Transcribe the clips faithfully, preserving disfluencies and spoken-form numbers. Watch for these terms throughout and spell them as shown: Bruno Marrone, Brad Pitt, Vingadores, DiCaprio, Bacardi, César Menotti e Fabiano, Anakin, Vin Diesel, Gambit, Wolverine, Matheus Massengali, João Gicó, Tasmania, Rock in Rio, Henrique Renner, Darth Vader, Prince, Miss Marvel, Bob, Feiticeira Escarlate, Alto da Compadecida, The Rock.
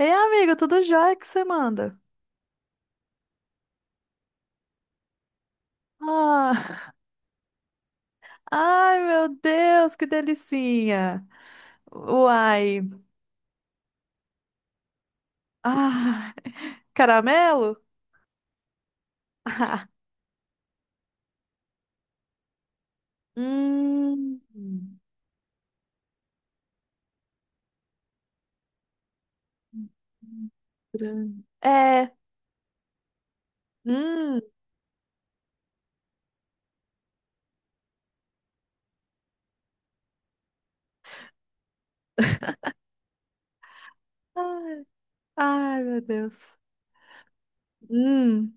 Ei, amigo, tudo jóia que você manda? Ah, ai, meu Deus, que delicinha! Uai, ah, caramelo? Ah, hum, é, hum, ai, ai, meu Deus, hum,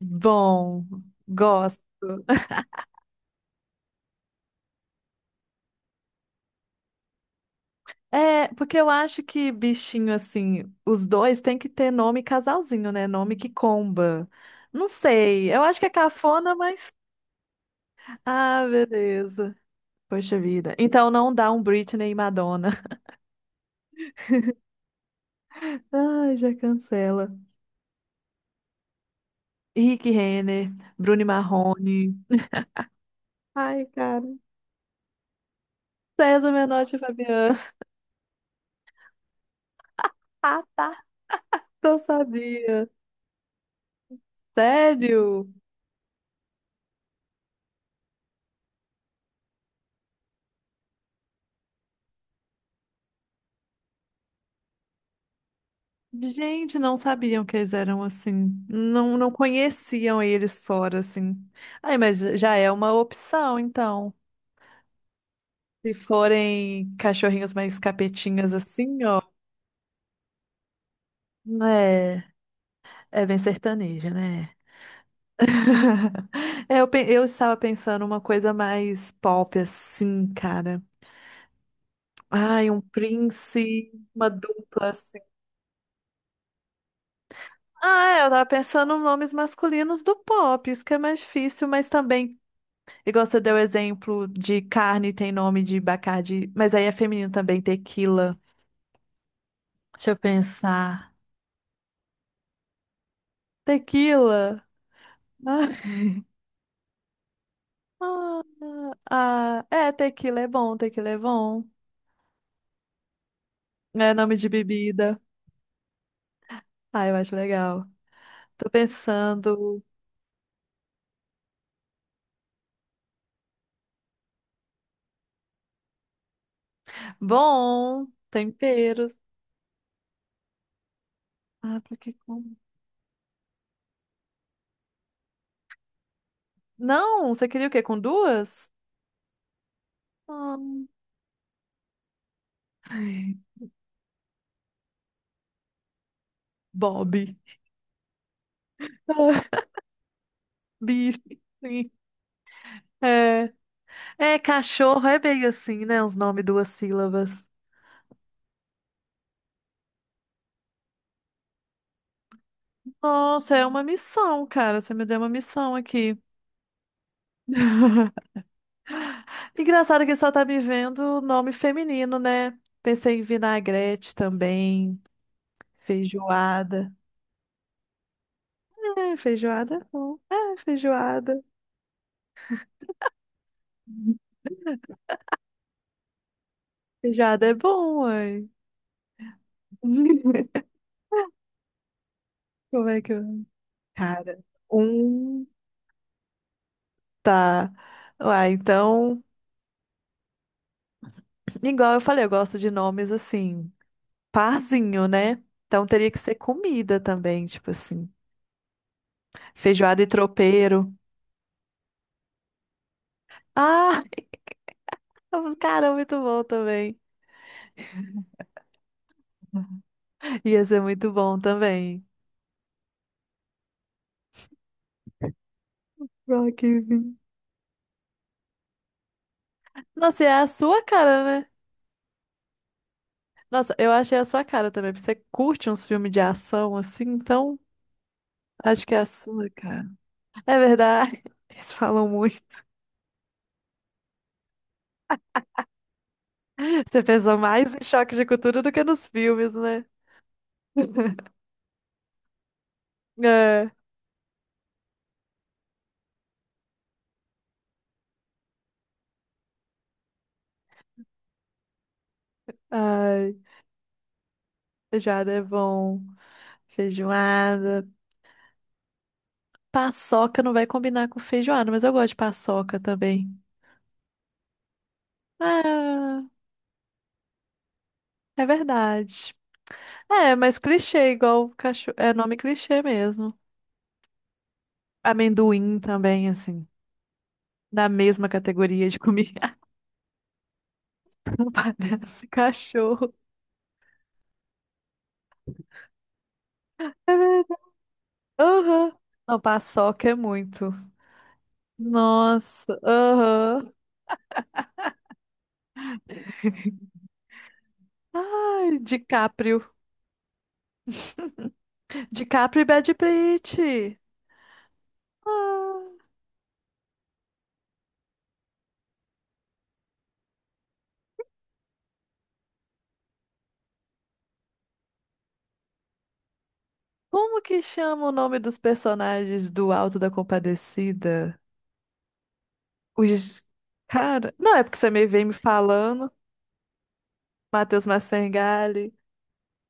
bom, gosto. É, porque eu acho que bichinho assim, os dois tem que ter nome casalzinho, né? Nome que comba. Não sei, eu acho que é cafona, mas. Ah, beleza. Poxa vida. Então não dá um Britney e Madonna. Ai, já cancela. Henrique Renner, Bruno Marrone. Ai, cara. César Menotti e Fabiano. Ah, tá. Eu sabia. Sério? Gente, não sabiam que eles eram assim. Não, não conheciam eles fora, assim. Ai, mas já é uma opção, então. Se forem cachorrinhos mais capetinhas assim, ó. É, é bem sertaneja, né? É, eu, pe- eu estava pensando uma coisa mais pop, assim, cara. Ai, um Prince, uma dupla, assim. Ah, é, eu tava pensando em nomes masculinos do pop, isso que é mais difícil, mas também. Igual você deu exemplo de carne tem nome de Bacardi, mas aí é feminino também, tequila. Deixa eu pensar. Tequila? Ah, ah, ah, é, tequila é bom, tequila é bom. É nome de bebida. Ah, eu acho legal. Tô pensando. Bom, temperos. Ah, porque com. Não, você queria o quê? Com duas? Ah, ai, Bob. Bife. Sim. É. É, cachorro é bem assim, né? Uns nomes duas sílabas. Nossa, é uma missão, cara. Você me deu uma missão aqui. Engraçado que só tá me vendo nome feminino, né? Pensei em vinagrete também, feijoada. É, feijoada é bom. É, feijoada. Feijoada é bom, uai. Como é que eu... Cara, um tá. Uai, então, igual eu falei, eu gosto de nomes assim. Parzinho, né? Então teria que ser comida também, tipo assim. Feijoada e tropeiro. Ah, cara, muito bom também. Ia ser muito bom também. Rock in Rio. Nossa, e é a sua cara, né? Nossa, eu achei a sua cara também, porque você curte uns filmes de ação assim, então acho que é a sua, cara. É verdade, eles falam muito. Você pensou mais em choque de cultura do que nos filmes, né? É, ai, feijoada é bom, feijoada. Paçoca não vai combinar com feijoada, mas eu gosto de paçoca também. Ah, é verdade. É, mas clichê, igual cachorro. É nome clichê mesmo. Amendoim também, assim. Da mesma categoria de comida. Não parece cachorro. É verdade. Aham. Não, paçoca é muito. Nossa, aham. Ai, DiCaprio. DiCaprio e Brad Pitt. Ah. Como que chama o nome dos personagens do Alto da Compadecida? Os... Cara, não é porque você me vem me falando. Matheus Massengali.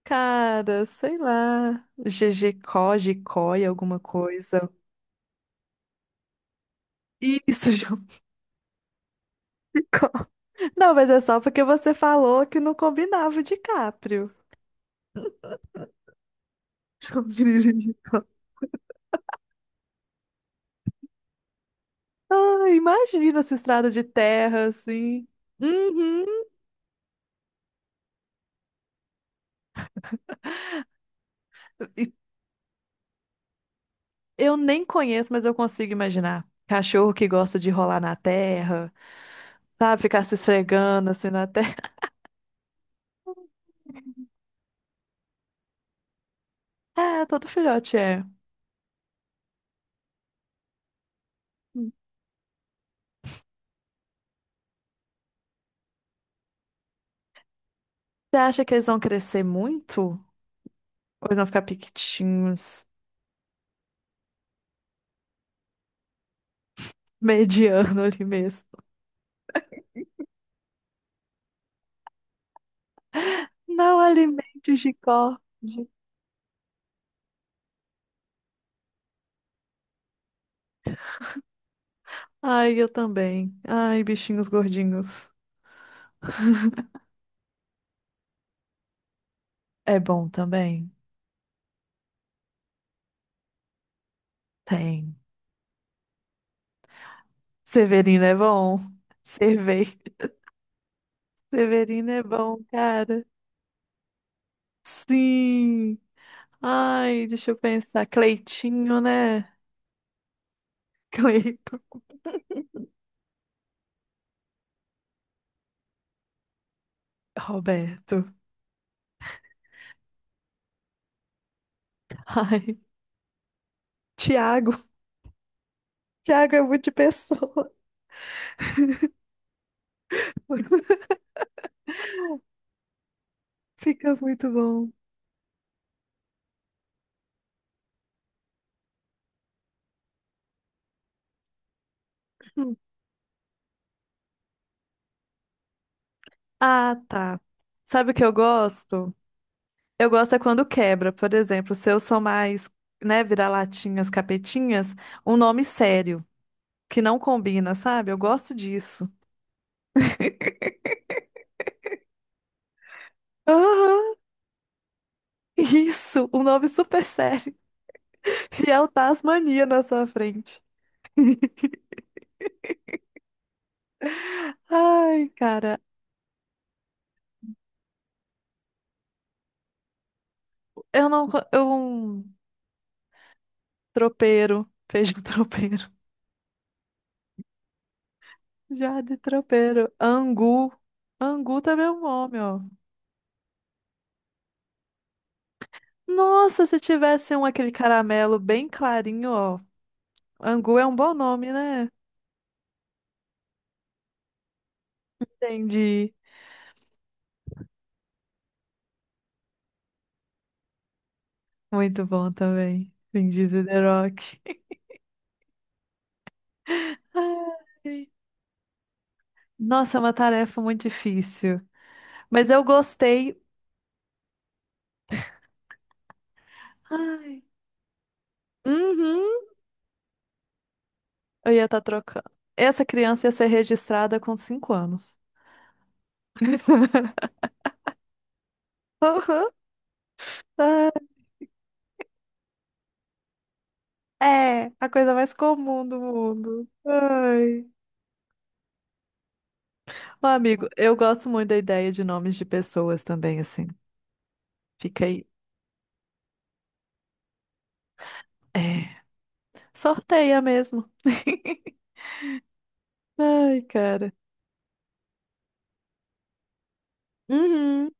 Cara, sei lá. G G Có, Gicóia, alguma coisa. Isso, João Gicó. Não, mas é só porque você falou que não combinava o DiCaprio. Ah, imagina essa estrada de terra, assim. Uhum. E eu nem conheço, mas eu consigo imaginar. Cachorro que gosta de rolar na terra, sabe? Ficar se esfregando assim na terra. É, todo filhote é. Você acha que eles vão crescer muito? Ou eles vão ficar pequitinhos, mediano ali mesmo? Não alimente G. Ai, eu também. Ai, bichinhos gordinhos. É bom também? Tem. Severino é bom. Cervei. Severino é bom, cara. Sim. Ai, deixa eu pensar. Cleitinho, né? Cleito. Roberto. Ai, Tiago. Tiago é muito de pessoa. Fica muito bom. Hum. Ah, tá. Sabe o que eu gosto? Eu gosto é quando quebra. Por exemplo, se eu sou mais, né, vira-latinhas, capetinhas, um nome sério, que não combina, sabe? Eu gosto disso. Aham, isso, um nome super sério. E é o Tasmania na sua frente. Ai, cara, eu não. co- Eu, um tropeiro, feijão tropeiro, já de tropeiro, angu. Angu também é um nome, ó. Nossa, se tivesse um aquele caramelo bem clarinho, ó. Angu é um bom nome, né? Entendi. Muito bom também. Vin Diesel The Rock. Ai. Nossa, é uma tarefa muito difícil. Mas eu gostei. Ai. Uhum. Eu ia estar trocando. Essa criança ia ser registrada com cinco anos. Aham. Ah, é, a coisa mais comum do mundo. Ai. Ó, amigo, eu gosto muito da ideia de nomes de pessoas também, assim. Fica aí. É, sorteia mesmo. Ai, cara. Uhum,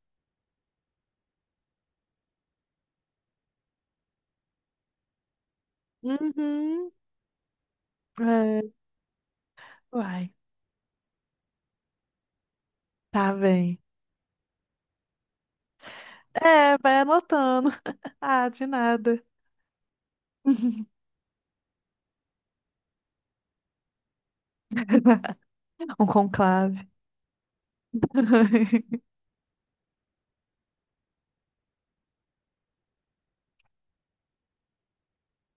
uhum. É, uai, tá bem. É, vai anotando. Ah, de nada. Um conclave.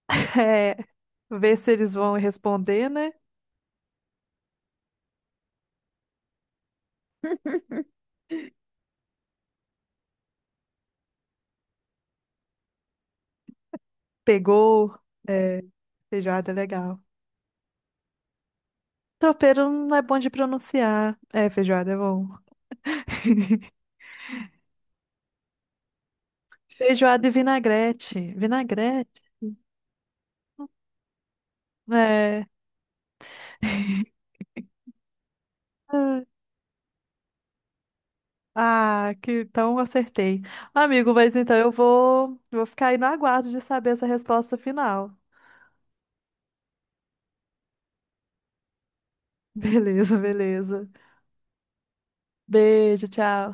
É, ver se eles vão responder, né? Pegou, é, feijoada é legal. Tropeiro não é bom de pronunciar. É, feijoada é bom. Feijoada e vinagrete. Vinagrete? É. Ah, que então eu acertei. Amigo, mas então eu vou, vou ficar aí no aguardo de saber essa resposta final. Beleza, beleza. Beijo, tchau.